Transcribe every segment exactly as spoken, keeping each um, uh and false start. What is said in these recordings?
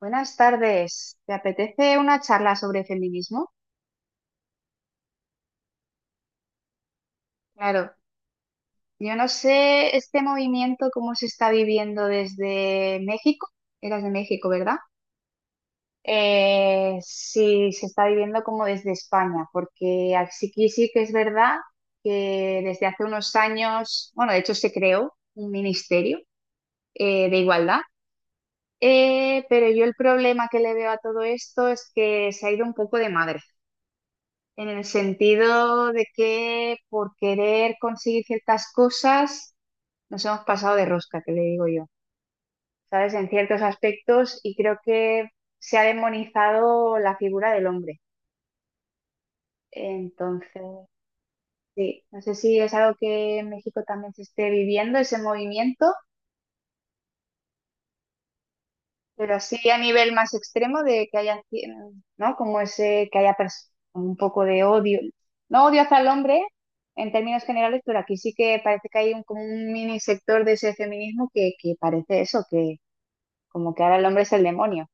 Buenas tardes. ¿Te apetece una charla sobre feminismo? Claro, yo no sé este movimiento cómo se está viviendo desde México. Eras de México, ¿verdad? Eh, sí, se está viviendo como desde España, porque aquí sí que es verdad que desde hace unos años, bueno, de hecho se creó un ministerio eh, de igualdad. Eh, pero yo el problema que le veo a todo esto es que se ha ido un poco de madre. En el sentido de que por querer conseguir ciertas cosas nos hemos pasado de rosca, que le digo yo, ¿sabes? En ciertos aspectos, y creo que se ha demonizado la figura del hombre. Entonces, sí, no sé si es algo que en México también se esté viviendo, ese movimiento. Pero así a nivel más extremo de que haya, cien- ¿no? Como ese, que haya pers- un poco de odio. No odio hacia el hombre en términos generales, pero aquí sí que parece que hay un, como un mini sector de ese feminismo que, que parece eso, que como que ahora el hombre es el demonio.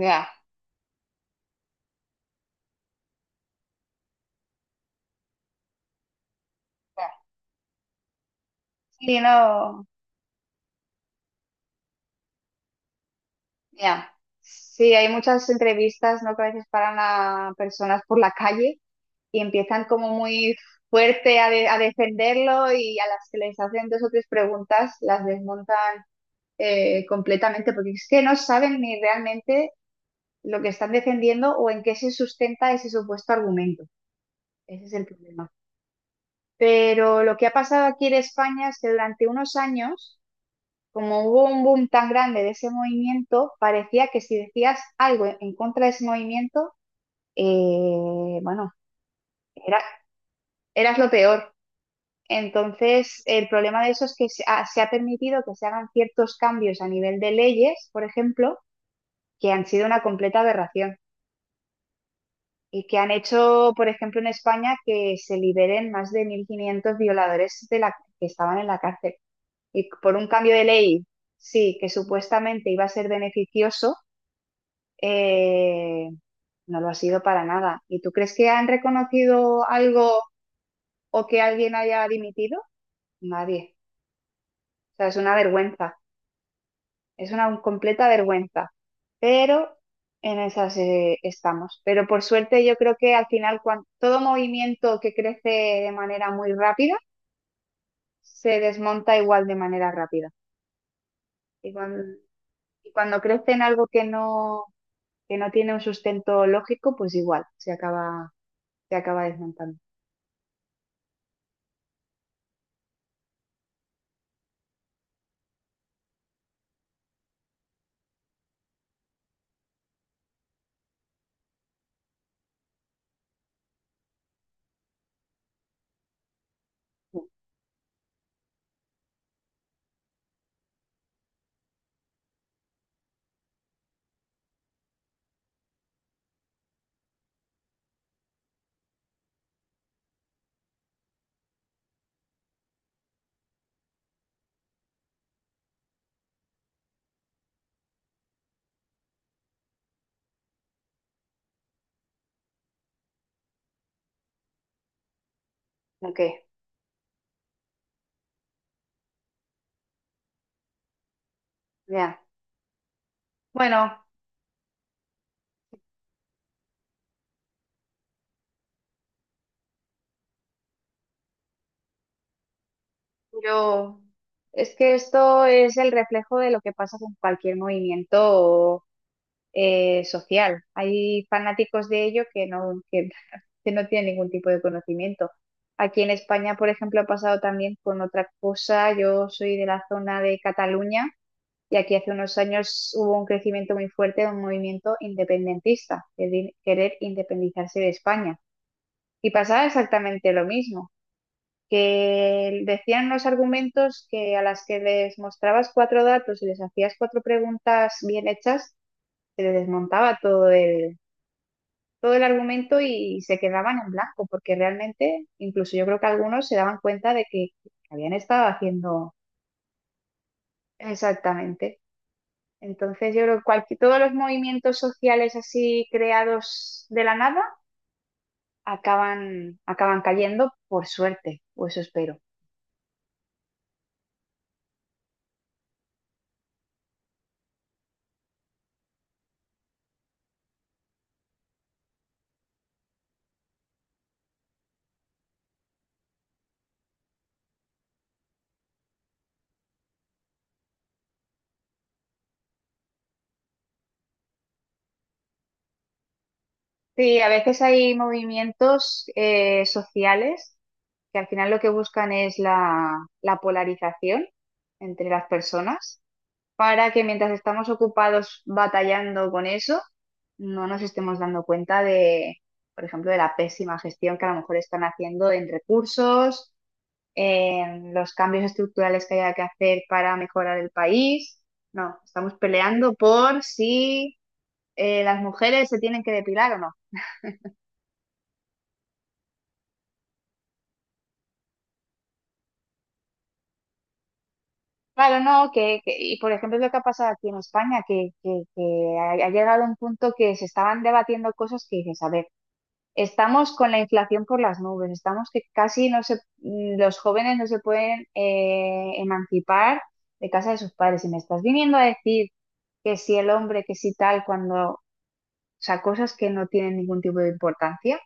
Ya, ya. Sí, no, ya. Sí, hay muchas entrevistas, ¿no? Que a veces paran a personas por la calle y empiezan como muy fuerte a, de- a defenderlo, y a las que les hacen dos o tres preguntas las desmontan eh, completamente, porque es que no saben ni realmente lo que están defendiendo o en qué se sustenta ese supuesto argumento. Ese es el problema. Pero lo que ha pasado aquí en España es que durante unos años, como hubo un boom tan grande de ese movimiento, parecía que si decías algo en contra de ese movimiento, eh, bueno, era, eras lo peor. Entonces, el problema de eso es que se ha, se ha permitido que se hagan ciertos cambios a nivel de leyes, por ejemplo, que han sido una completa aberración, y que han hecho, por ejemplo, en España, que se liberen más de mil quinientos violadores de la, que estaban en la cárcel. Y por un cambio de ley, sí, que supuestamente iba a ser beneficioso, eh, no lo ha sido para nada. ¿Y tú crees que han reconocido algo o que alguien haya dimitido? Nadie. O sea, es una vergüenza. Es una completa vergüenza, pero en esas eh, estamos. Pero por suerte yo creo que al final cuan- todo movimiento que crece de manera muy rápida se desmonta igual de manera rápida. Y cuando, y cuando crece en algo que no, que no tiene un sustento lógico, pues igual se acaba, se acaba desmontando. Mm. Ok, ya. Bueno, yo... es que esto es el reflejo de lo que pasa con cualquier movimiento eh, social. Hay fanáticos de ello que no, que, que no tienen ningún tipo de conocimiento. Aquí en España, por ejemplo, ha pasado también con otra cosa. Yo soy de la zona de Cataluña, y aquí hace unos años hubo un crecimiento muy fuerte de un movimiento independentista, de di- querer independizarse de España. Y pasaba exactamente lo mismo, que decían los argumentos que a las que les mostrabas cuatro datos y les hacías cuatro preguntas bien hechas, se les desmontaba todo el todo el argumento, y se quedaban en blanco, porque realmente, incluso yo creo que algunos se daban cuenta de que habían estado haciendo exactamente. Entonces, yo creo que cualqui- todos los movimientos sociales así creados de la nada acaban, acaban cayendo, por suerte, o eso espero. Sí, a veces hay movimientos eh, sociales que al final lo que buscan es la, la polarización entre las personas, para que mientras estamos ocupados batallando con eso, no nos estemos dando cuenta de, por ejemplo, de la pésima gestión que a lo mejor están haciendo en recursos, en los cambios estructurales que haya que hacer para mejorar el país. No, estamos peleando por si eh, las mujeres se tienen que depilar o no. Claro, no, que, que- y por ejemplo lo que ha pasado aquí en España, que, que, que ha, ha llegado a un punto que se estaban debatiendo cosas que dices, a ver, estamos con la inflación por las nubes, estamos que casi no se, mm, los jóvenes no se pueden eh, emancipar de casa de sus padres. Y me estás viniendo a decir que si el hombre, que si tal, cuando, o sea, cosas que no tienen ningún tipo de importancia.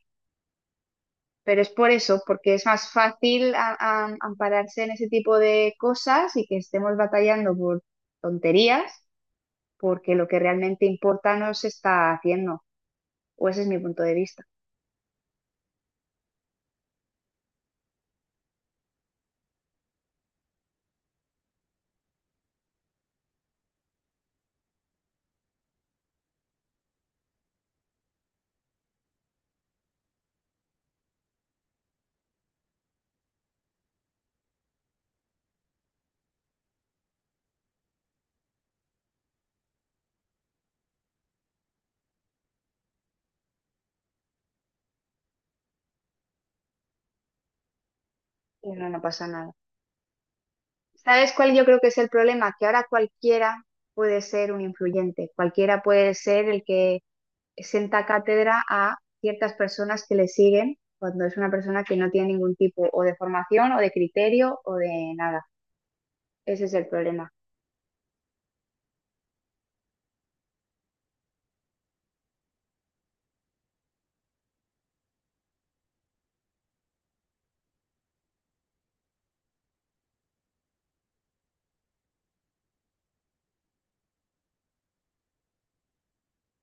Pero es por eso, porque es más fácil a- a- ampararse en ese tipo de cosas, y que estemos batallando por tonterías, porque lo que realmente importa no se está haciendo. O ese es mi punto de vista. Y no, no pasa nada. ¿Sabes cuál yo creo que es el problema? Que ahora cualquiera puede ser un influyente, cualquiera puede ser el que senta cátedra a ciertas personas que le siguen, cuando es una persona que no tiene ningún tipo o de formación o de criterio o de nada. Ese es el problema.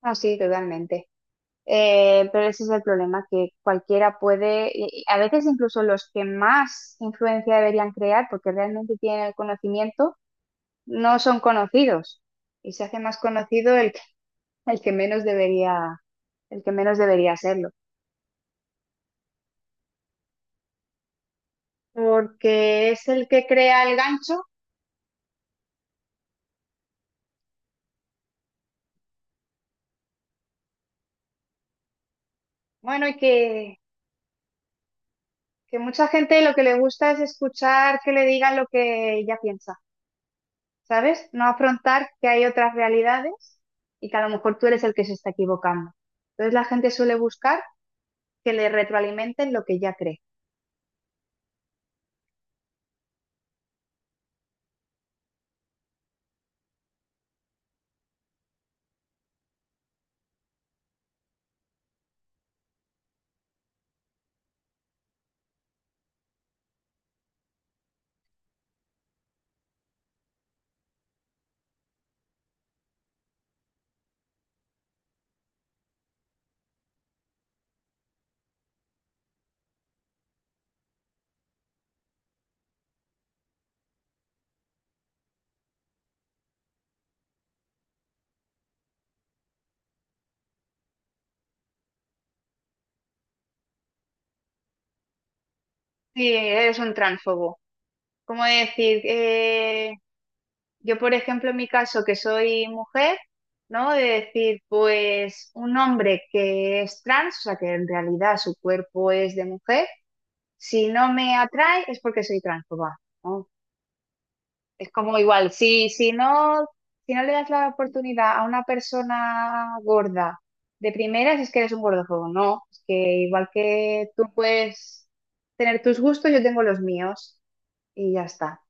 Ah, sí, totalmente. Eh, pero ese es el problema, que cualquiera puede, y- y a veces incluso los que más influencia deberían crear, porque realmente tienen el conocimiento, no son conocidos, y se hace más conocido el el que menos debería, el que menos debería hacerlo, porque es el que crea el gancho. Bueno, y que, que mucha gente lo que le gusta es escuchar que le digan lo que ella piensa, ¿sabes? No afrontar que hay otras realidades, y que a lo mejor tú eres el que se está equivocando. Entonces la gente suele buscar que le retroalimenten lo que ya cree. Sí, eres un tránsfobo. Como decir, eh, yo, por ejemplo, en mi caso, que soy mujer, ¿no? De decir, pues un hombre que es trans, o sea, que en realidad su cuerpo es de mujer, si no me atrae es porque soy transfoba, ¿no? Es como igual, si, si no, si no le das la oportunidad a una persona gorda de primeras, es que eres un gordofobo, ¿no? Es que igual que tú puedes tener tus gustos, yo tengo los míos y ya está.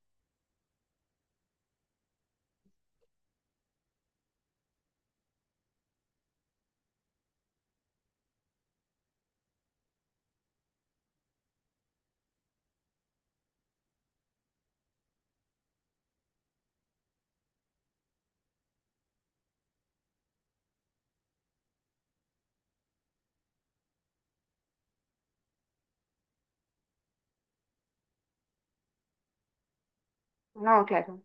No, claro,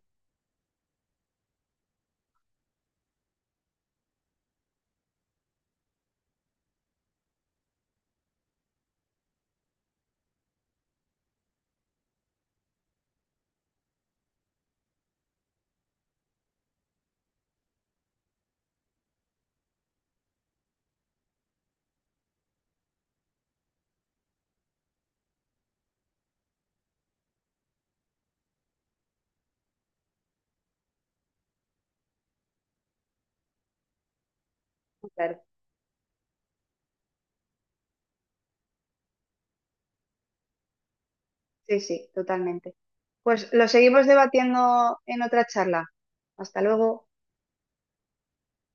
claro. Sí, sí, totalmente. Pues lo seguimos debatiendo en otra charla. Hasta luego.